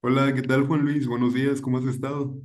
Hola, ¿qué tal Juan Luis? Buenos días, ¿cómo has estado?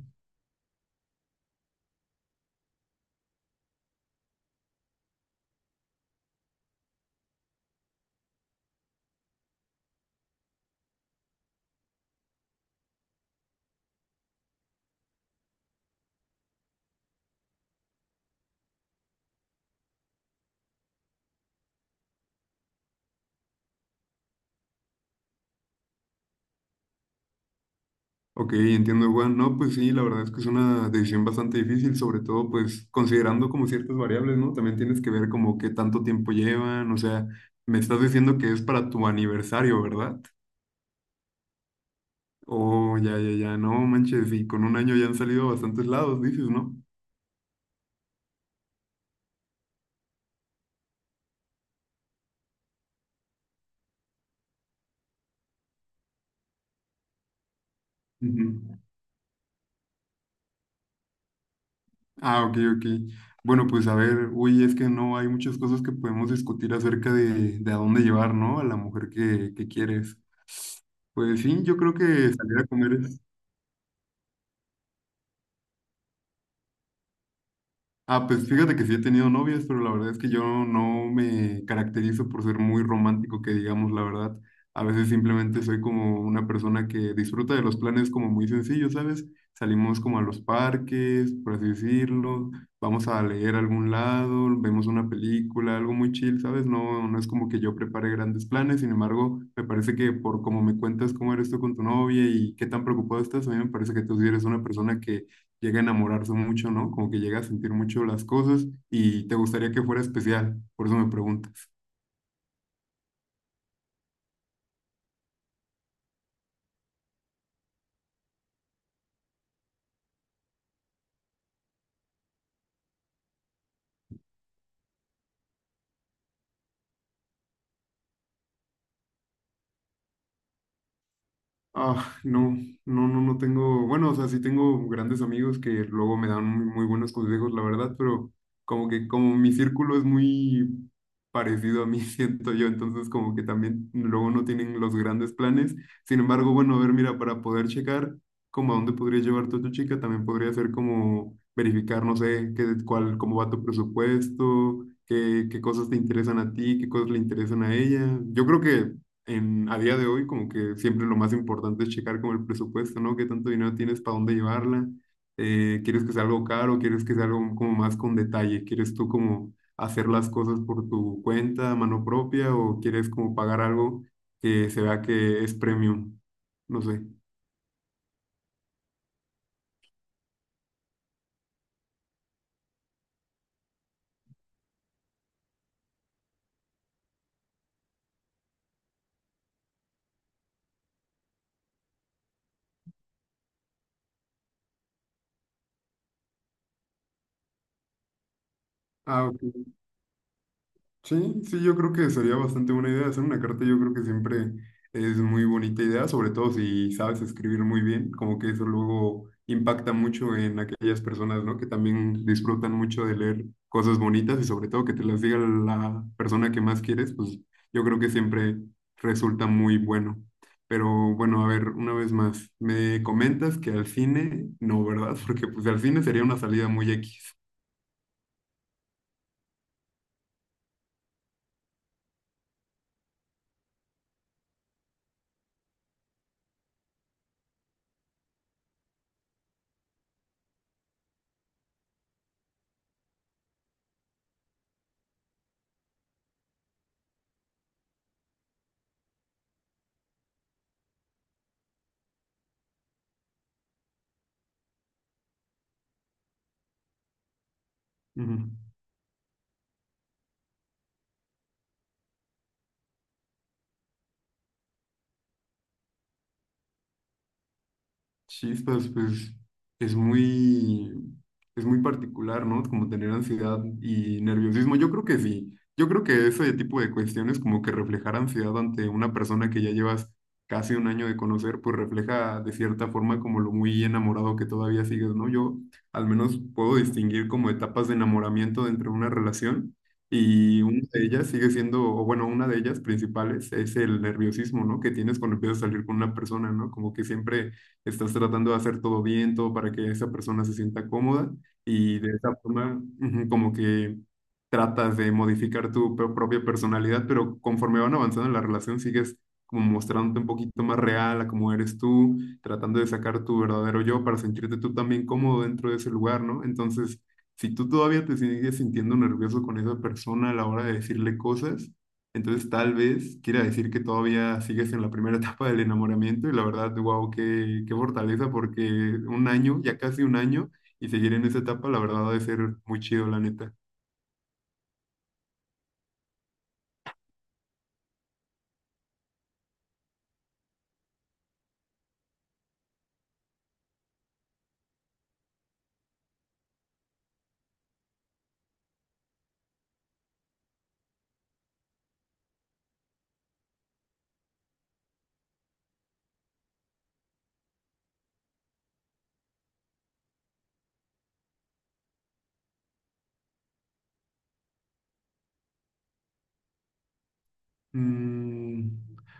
Ok, entiendo Juan. No, pues sí, la verdad es que es una decisión bastante difícil, sobre todo pues considerando como ciertas variables, ¿no? También tienes que ver como qué tanto tiempo llevan, o sea, me estás diciendo que es para tu aniversario, ¿verdad? Oh, ya, ya, ya, no manches, y con un año ya han salido a bastantes lados, dices, ¿no? Ujú. Ah, ok, ok. Bueno, pues a ver, uy, es que no hay muchas cosas que podemos discutir acerca de a dónde llevar, ¿no? A la mujer que quieres. Pues sí, yo creo que salir a comer es... Ah, pues fíjate que sí he tenido novias, pero la verdad es que yo no me caracterizo por ser muy romántico, que digamos la verdad. A veces simplemente soy como una persona que disfruta de los planes como muy sencillos, ¿sabes? Salimos como a los parques, por así decirlo, vamos a leer a algún lado, vemos una película, algo muy chill, ¿sabes? No, no es como que yo prepare grandes planes, sin embargo, me parece que por como me cuentas cómo eres tú con tu novia y qué tan preocupado estás, a mí me parece que tú sí eres una persona que llega a enamorarse mucho, ¿no? Como que llega a sentir mucho las cosas y te gustaría que fuera especial, por eso me pregunto. Ah, no, no, no, no tengo, bueno, o sea, sí tengo grandes amigos que luego me dan muy, muy buenos consejos, la verdad, pero como que como mi círculo es muy parecido a mí, siento yo, entonces como que también luego no tienen los grandes planes. Sin embargo, bueno, a ver, mira, para poder checar como a dónde podría llevar tu chica, también podría ser como verificar, no sé, qué, cuál, cómo va tu presupuesto, qué, qué cosas te interesan a ti, qué cosas le interesan a ella. Yo creo que en, a día de hoy, como que siempre lo más importante es checar como el presupuesto, ¿no? ¿Qué tanto dinero tienes para dónde llevarla? ¿Quieres que sea algo caro? ¿Quieres que sea algo como más con detalle? ¿Quieres tú como hacer las cosas por tu cuenta, a mano propia? ¿O quieres como pagar algo que se vea que es premium? No sé. Ah, ok. Sí, sí, yo creo que sería bastante buena idea hacer una carta. Yo creo que siempre es muy bonita idea, sobre todo si sabes escribir muy bien, como que eso luego impacta mucho en aquellas personas, ¿no? Que también disfrutan mucho de leer cosas bonitas y sobre todo que te las diga la persona que más quieres, pues yo creo que siempre resulta muy bueno. Pero bueno, a ver, una vez más, me comentas que al cine no, ¿verdad? Porque pues al cine sería una salida muy X. Chispas, pues, es muy, es muy particular, ¿no? Como tener ansiedad y nerviosismo. Yo creo que sí. Yo creo que ese tipo de cuestiones, como que reflejar ansiedad ante una persona que ya llevas casi un año de conocer, pues refleja de cierta forma como lo muy enamorado que todavía sigues, ¿no? Yo al menos puedo distinguir como etapas de enamoramiento dentro de una relación y una de ellas sigue siendo, o bueno, una de ellas principales es el nerviosismo, ¿no? Que tienes cuando empiezas a salir con una persona, ¿no? Como que siempre estás tratando de hacer todo bien, todo para que esa persona se sienta cómoda y de esa forma ujú, como que tratas de modificar tu propia personalidad, pero conforme van avanzando en la relación sigues como mostrándote un poquito más real a cómo eres tú, tratando de sacar tu verdadero yo para sentirte tú también cómodo dentro de ese lugar, ¿no? Entonces, si tú todavía te sigues sintiendo nervioso con esa persona a la hora de decirle cosas, entonces tal vez quiera decir que todavía sigues en la primera etapa del enamoramiento y la verdad, wow, qué, qué fortaleza porque un año, ya casi un año, y seguir en esa etapa, la verdad, ha de ser muy chido, la neta. Mm,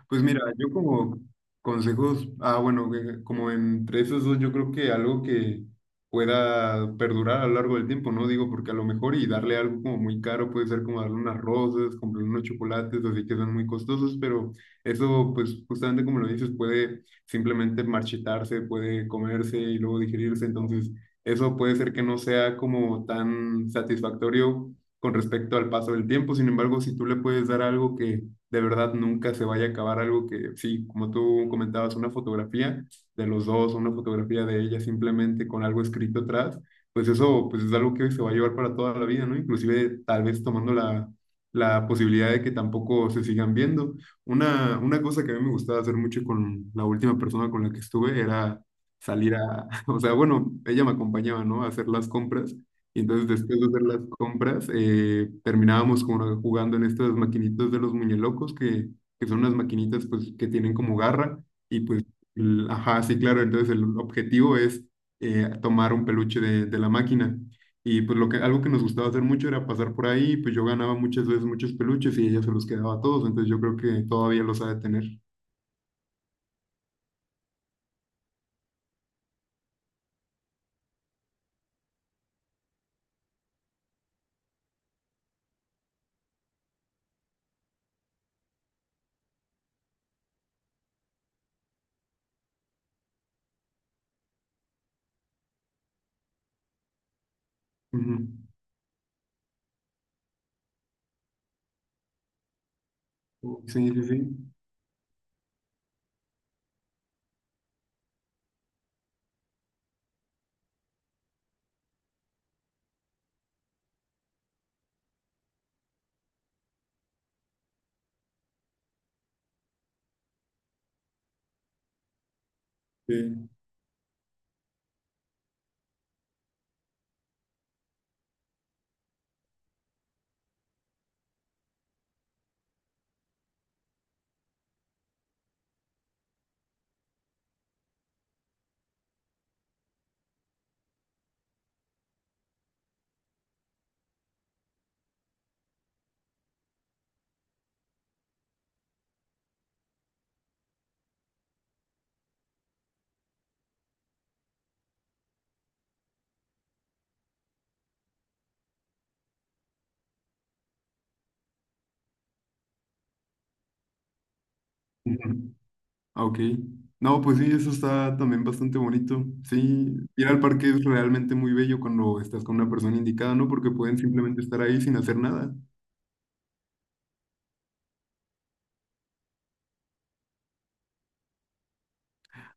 pues mira, yo como consejos, ah, bueno, como entre esos dos, yo creo que algo que pueda perdurar a lo largo del tiempo, ¿no? Digo, porque a lo mejor y darle algo como muy caro puede ser como darle unas rosas, comprar unos chocolates, así que son muy costosos, pero eso, pues justamente como lo dices, puede simplemente marchitarse, puede comerse y luego digerirse, entonces eso puede ser que no sea como tan satisfactorio con respecto al paso del tiempo, sin embargo, si tú le puedes dar algo que de verdad nunca se vaya a acabar algo que, sí, como tú comentabas, una fotografía de los dos, una fotografía de ella simplemente con algo escrito atrás, pues eso pues es algo que se va a llevar para toda la vida, ¿no? Inclusive tal vez tomando la posibilidad de que tampoco se sigan viendo. Una cosa que a mí me gustaba hacer mucho con la última persona con la que estuve era salir a, o sea, bueno, ella me acompañaba, ¿no? A hacer las compras y entonces después de hacer las compras, terminábamos como jugando en estas maquinitas de los muñelocos, que son unas maquinitas pues que tienen como garra. Y pues, el- ajá, sí, claro, entonces el objetivo es tomar un peluche de la máquina. Y pues lo que, algo que nos gustaba hacer mucho era pasar por ahí, pues yo ganaba muchas veces muchos peluches y ella se los quedaba a todos, entonces yo creo que todavía los ha de tener. Ujú. Sí, sí, sí. Sí. Ah, ok. No, pues sí, eso está también bastante bonito. Sí, ir al parque es realmente muy bello cuando estás con una persona indicada, ¿no? Porque pueden simplemente estar ahí sin hacer nada.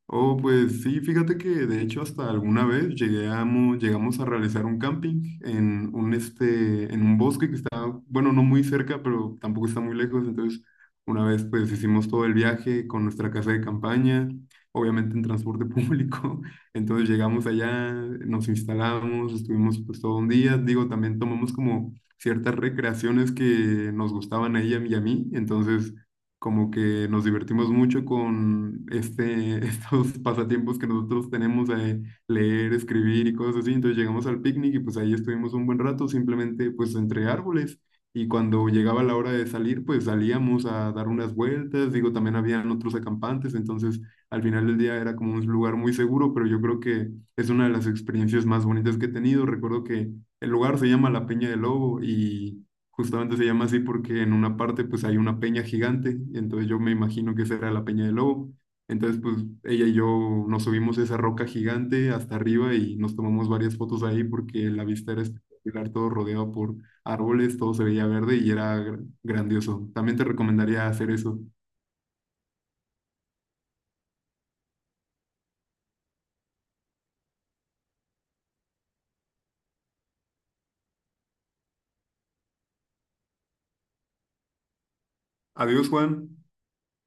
Oh, pues sí, fíjate que de hecho hasta alguna vez llegamos a realizar un camping en un, este, en un bosque que está, bueno, no muy cerca, pero tampoco está muy lejos. Entonces, una vez pues hicimos todo el viaje con nuestra casa de campaña, obviamente en transporte público. Entonces llegamos allá, nos instalamos, estuvimos pues todo un día. Digo, también tomamos como ciertas recreaciones que nos gustaban a ella y a mí. Entonces como que nos divertimos mucho con este, estos pasatiempos que nosotros tenemos de leer, escribir y cosas así. Entonces llegamos al picnic y pues ahí estuvimos un buen rato simplemente pues entre árboles. Y cuando llegaba la hora de salir, pues salíamos a dar unas vueltas. Digo, también habían otros acampantes, entonces al final del día era como un lugar muy seguro, pero yo creo que es una de las experiencias más bonitas que he tenido. Recuerdo que el lugar se llama La Peña del Lobo y... Justamente se llama así porque en una parte pues hay una peña gigante, y entonces yo me imagino que esa era la peña del lobo. Entonces pues ella y yo nos subimos a esa roca gigante hasta arriba y nos tomamos varias fotos ahí porque la vista era espectacular, todo rodeado por árboles, todo se veía verde y era grandioso. También te recomendaría hacer eso. Adiós, Juan.